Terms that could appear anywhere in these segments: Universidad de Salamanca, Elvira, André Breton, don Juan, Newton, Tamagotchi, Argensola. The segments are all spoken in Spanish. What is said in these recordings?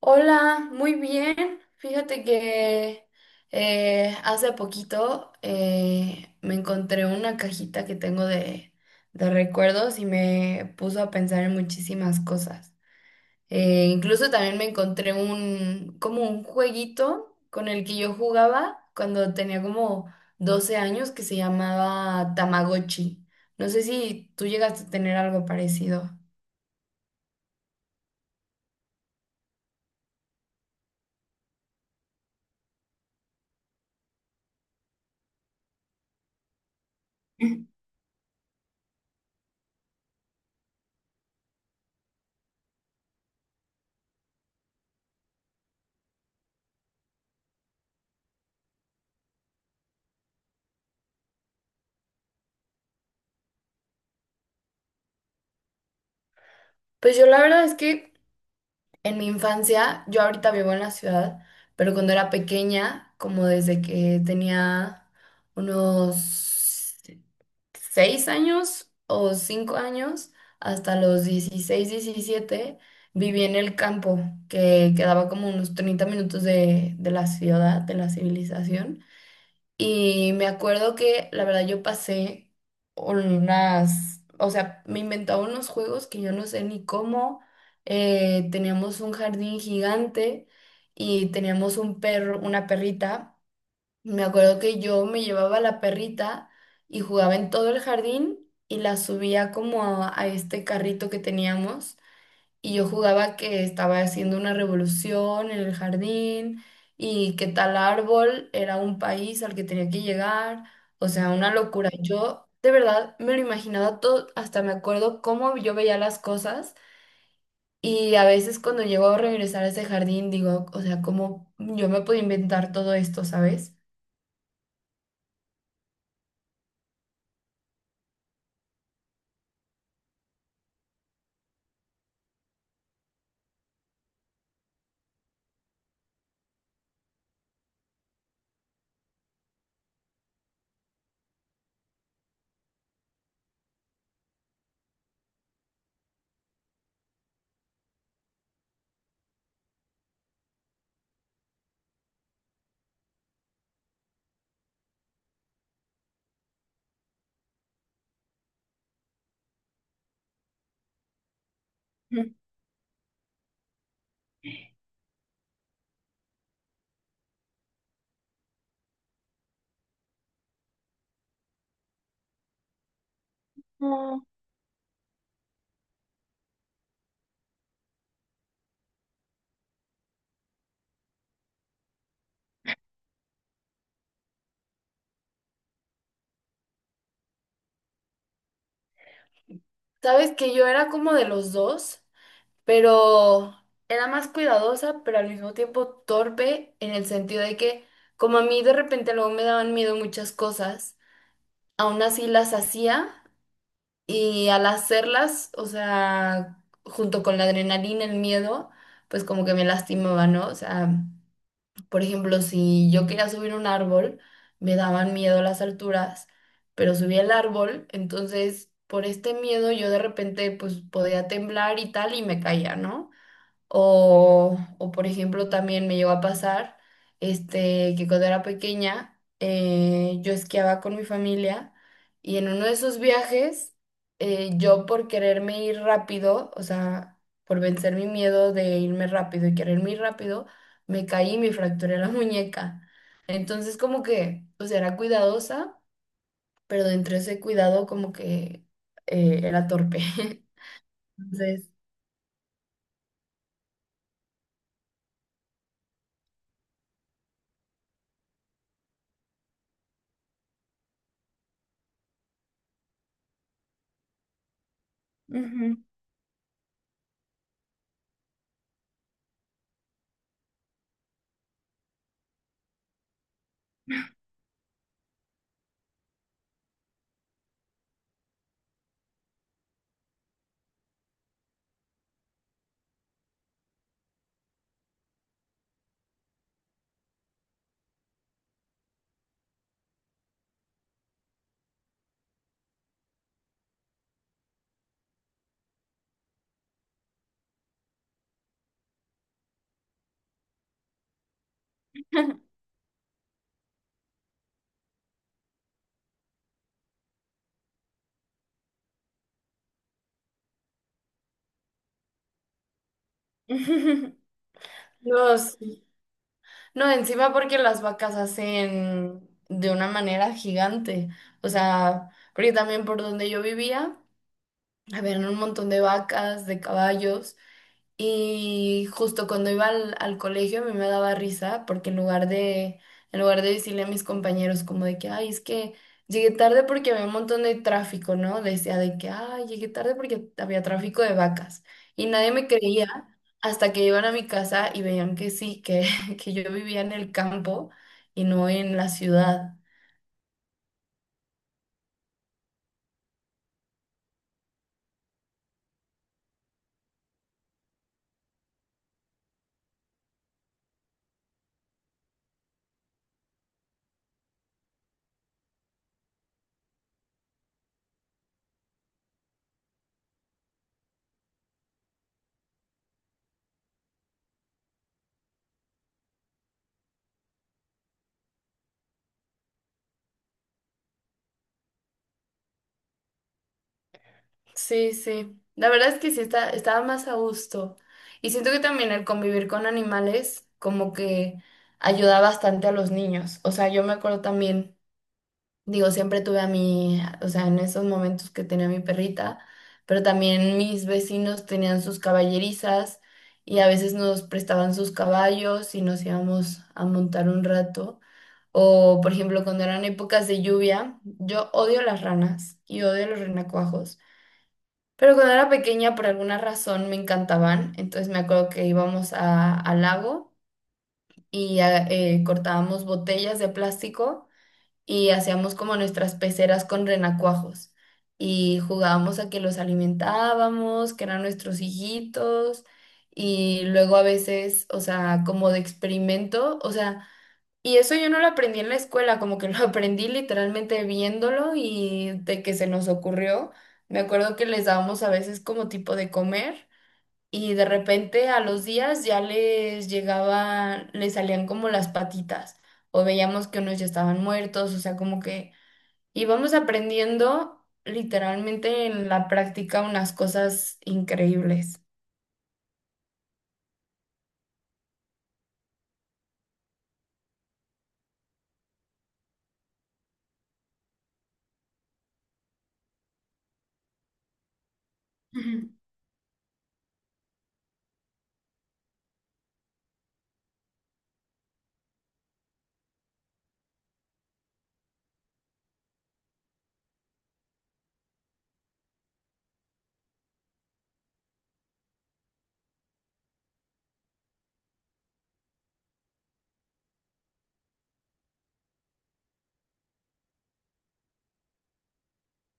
Hola, muy bien. Fíjate que hace poquito me encontré una cajita que tengo de recuerdos y me puso a pensar en muchísimas cosas. Incluso también me encontré como un jueguito con el que yo jugaba cuando tenía como 12 años que se llamaba Tamagotchi. No sé si tú llegaste a tener algo parecido. Pues yo la verdad es que en mi infancia, yo ahorita vivo en la ciudad, pero cuando era pequeña, como desde que tenía unos 6 años o 5 años, hasta los 16 17, viví en el campo, que quedaba como unos 30 minutos de, la ciudad, de la civilización. Y me acuerdo que la verdad yo pasé unas, o sea, me inventaba unos juegos que yo no sé ni cómo. Teníamos un jardín gigante y teníamos un perro, una perrita. Me acuerdo que yo me llevaba la perrita y jugaba en todo el jardín y la subía como a este carrito que teníamos. Y yo jugaba que estaba haciendo una revolución en el jardín y que tal árbol era un país al que tenía que llegar. O sea, una locura. Yo de verdad me lo imaginaba todo, hasta me acuerdo cómo yo veía las cosas. Y a veces cuando llego a regresar a ese jardín digo, o sea, cómo yo me puedo inventar todo esto, ¿sabes? Ujú. ¿Sabes que yo era como de los dos? Pero era más cuidadosa, pero al mismo tiempo torpe en el sentido de que como a mí de repente luego me daban miedo muchas cosas, aún así las hacía y al hacerlas, o sea, junto con la adrenalina, el miedo, pues como que me lastimaba, ¿no? O sea, por ejemplo, si yo quería subir un árbol, me daban miedo las alturas, pero subí el árbol, entonces… Por este miedo yo de repente pues podía temblar y tal y me caía, ¿no? O, por ejemplo, también me llegó a pasar que cuando era pequeña yo esquiaba con mi familia y en uno de esos viajes yo por quererme ir rápido, o sea, por vencer mi miedo de irme rápido y quererme ir rápido, me caí y me fracturé la muñeca. Entonces como que, o sea, era cuidadosa, pero dentro de ese cuidado como que era torpe. Entonces… Ujú. No, sí. No, encima porque las vacas hacen de una manera gigante. O sea, porque también por donde yo vivía, habían un montón de vacas, de caballos. Y justo cuando iba al colegio a mí me daba risa porque en lugar de decirle a mis compañeros como de que, ay, es que llegué tarde porque había un montón de tráfico, ¿no? Decía de que, ay, llegué tarde porque había tráfico de vacas. Y nadie me creía hasta que iban a mi casa y veían que sí, que, que yo vivía en el campo y no en la ciudad. Sí, sí. La verdad es que sí estaba más a gusto. Y siento que también el convivir con animales como que ayuda bastante a los niños. O sea, yo me acuerdo también, digo, siempre tuve a mi, o sea, en esos momentos que tenía mi perrita, pero también mis vecinos tenían sus caballerizas y a veces nos prestaban sus caballos y nos íbamos a montar un rato. O, por ejemplo, cuando eran épocas de lluvia, yo odio las ranas y odio los renacuajos. Pero cuando era pequeña, por alguna razón, me encantaban. Entonces me acuerdo que íbamos al lago y cortábamos botellas de plástico y hacíamos como nuestras peceras con renacuajos. Y jugábamos a que los alimentábamos, que eran nuestros hijitos. Y luego a veces, o sea, como de experimento, o sea… Y eso yo no lo aprendí en la escuela, como que lo aprendí literalmente viéndolo y de que se nos ocurrió. Me acuerdo que les dábamos a veces como tipo de comer y de repente a los días ya les llegaban, les salían como las patitas o veíamos que unos ya estaban muertos, o sea, como que íbamos aprendiendo literalmente en la práctica unas cosas increíbles. Ujú,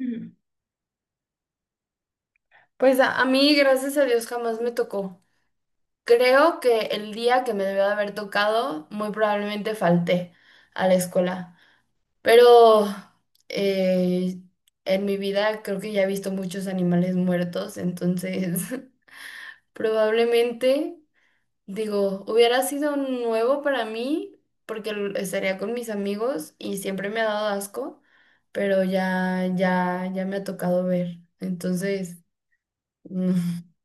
ujú. Pues a mí, gracias a Dios, jamás me tocó. Creo que el día que me debió de haber tocado, muy probablemente falté a la escuela. Pero eh, en mi vida creo que ya he visto muchos animales muertos, entonces probablemente, digo, hubiera sido nuevo para mí porque estaría con mis amigos y siempre me ha dado asco, pero ya me ha tocado ver. Entonces,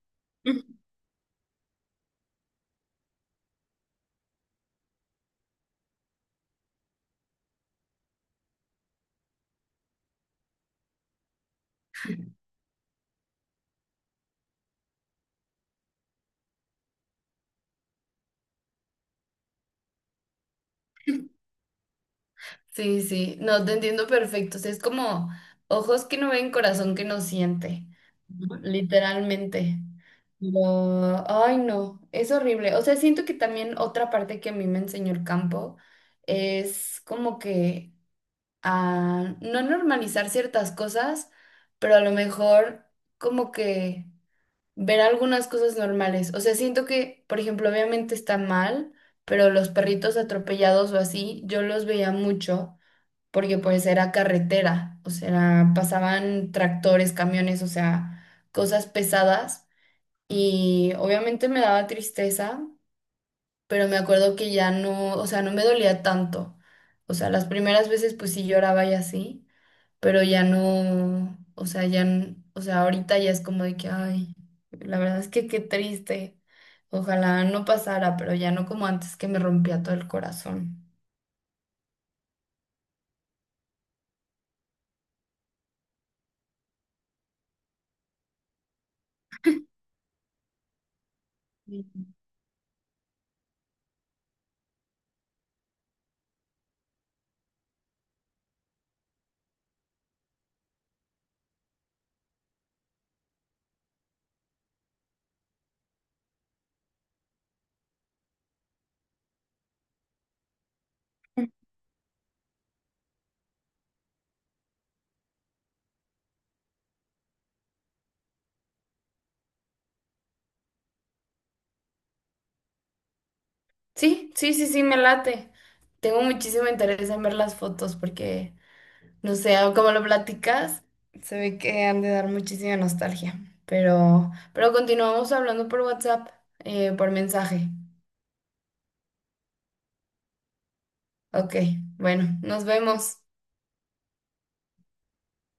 sí, sí, no, te entiendo perfecto. O sea, es como ojos que no ven, corazón que no siente, ujú, literalmente. Pero, ay, no, es horrible. O sea, siento que también otra parte que a mí me enseñó el campo es como que a no normalizar ciertas cosas, pero a lo mejor como que ver algunas cosas normales. O sea, siento que, por ejemplo, obviamente está mal, pero los perritos atropellados o así, yo los veía mucho porque pues era carretera, o sea, pasaban tractores, camiones, o sea, cosas pesadas y obviamente me daba tristeza, pero me acuerdo que ya no, o sea, no me dolía tanto. O sea, las primeras veces pues sí lloraba y así, pero ya no, o sea, ya, o sea, ahorita ya es como de que, ay, la verdad es que qué triste. Ojalá no pasara, pero ya no como antes que me rompía todo el corazón. Sí, sí, sí, sí, me late. Tengo muchísimo interés en ver las fotos porque, no sé, como lo platicas, se ve que han de dar muchísima nostalgia. Pero continuamos hablando por WhatsApp, por mensaje. Ok, bueno, nos vemos.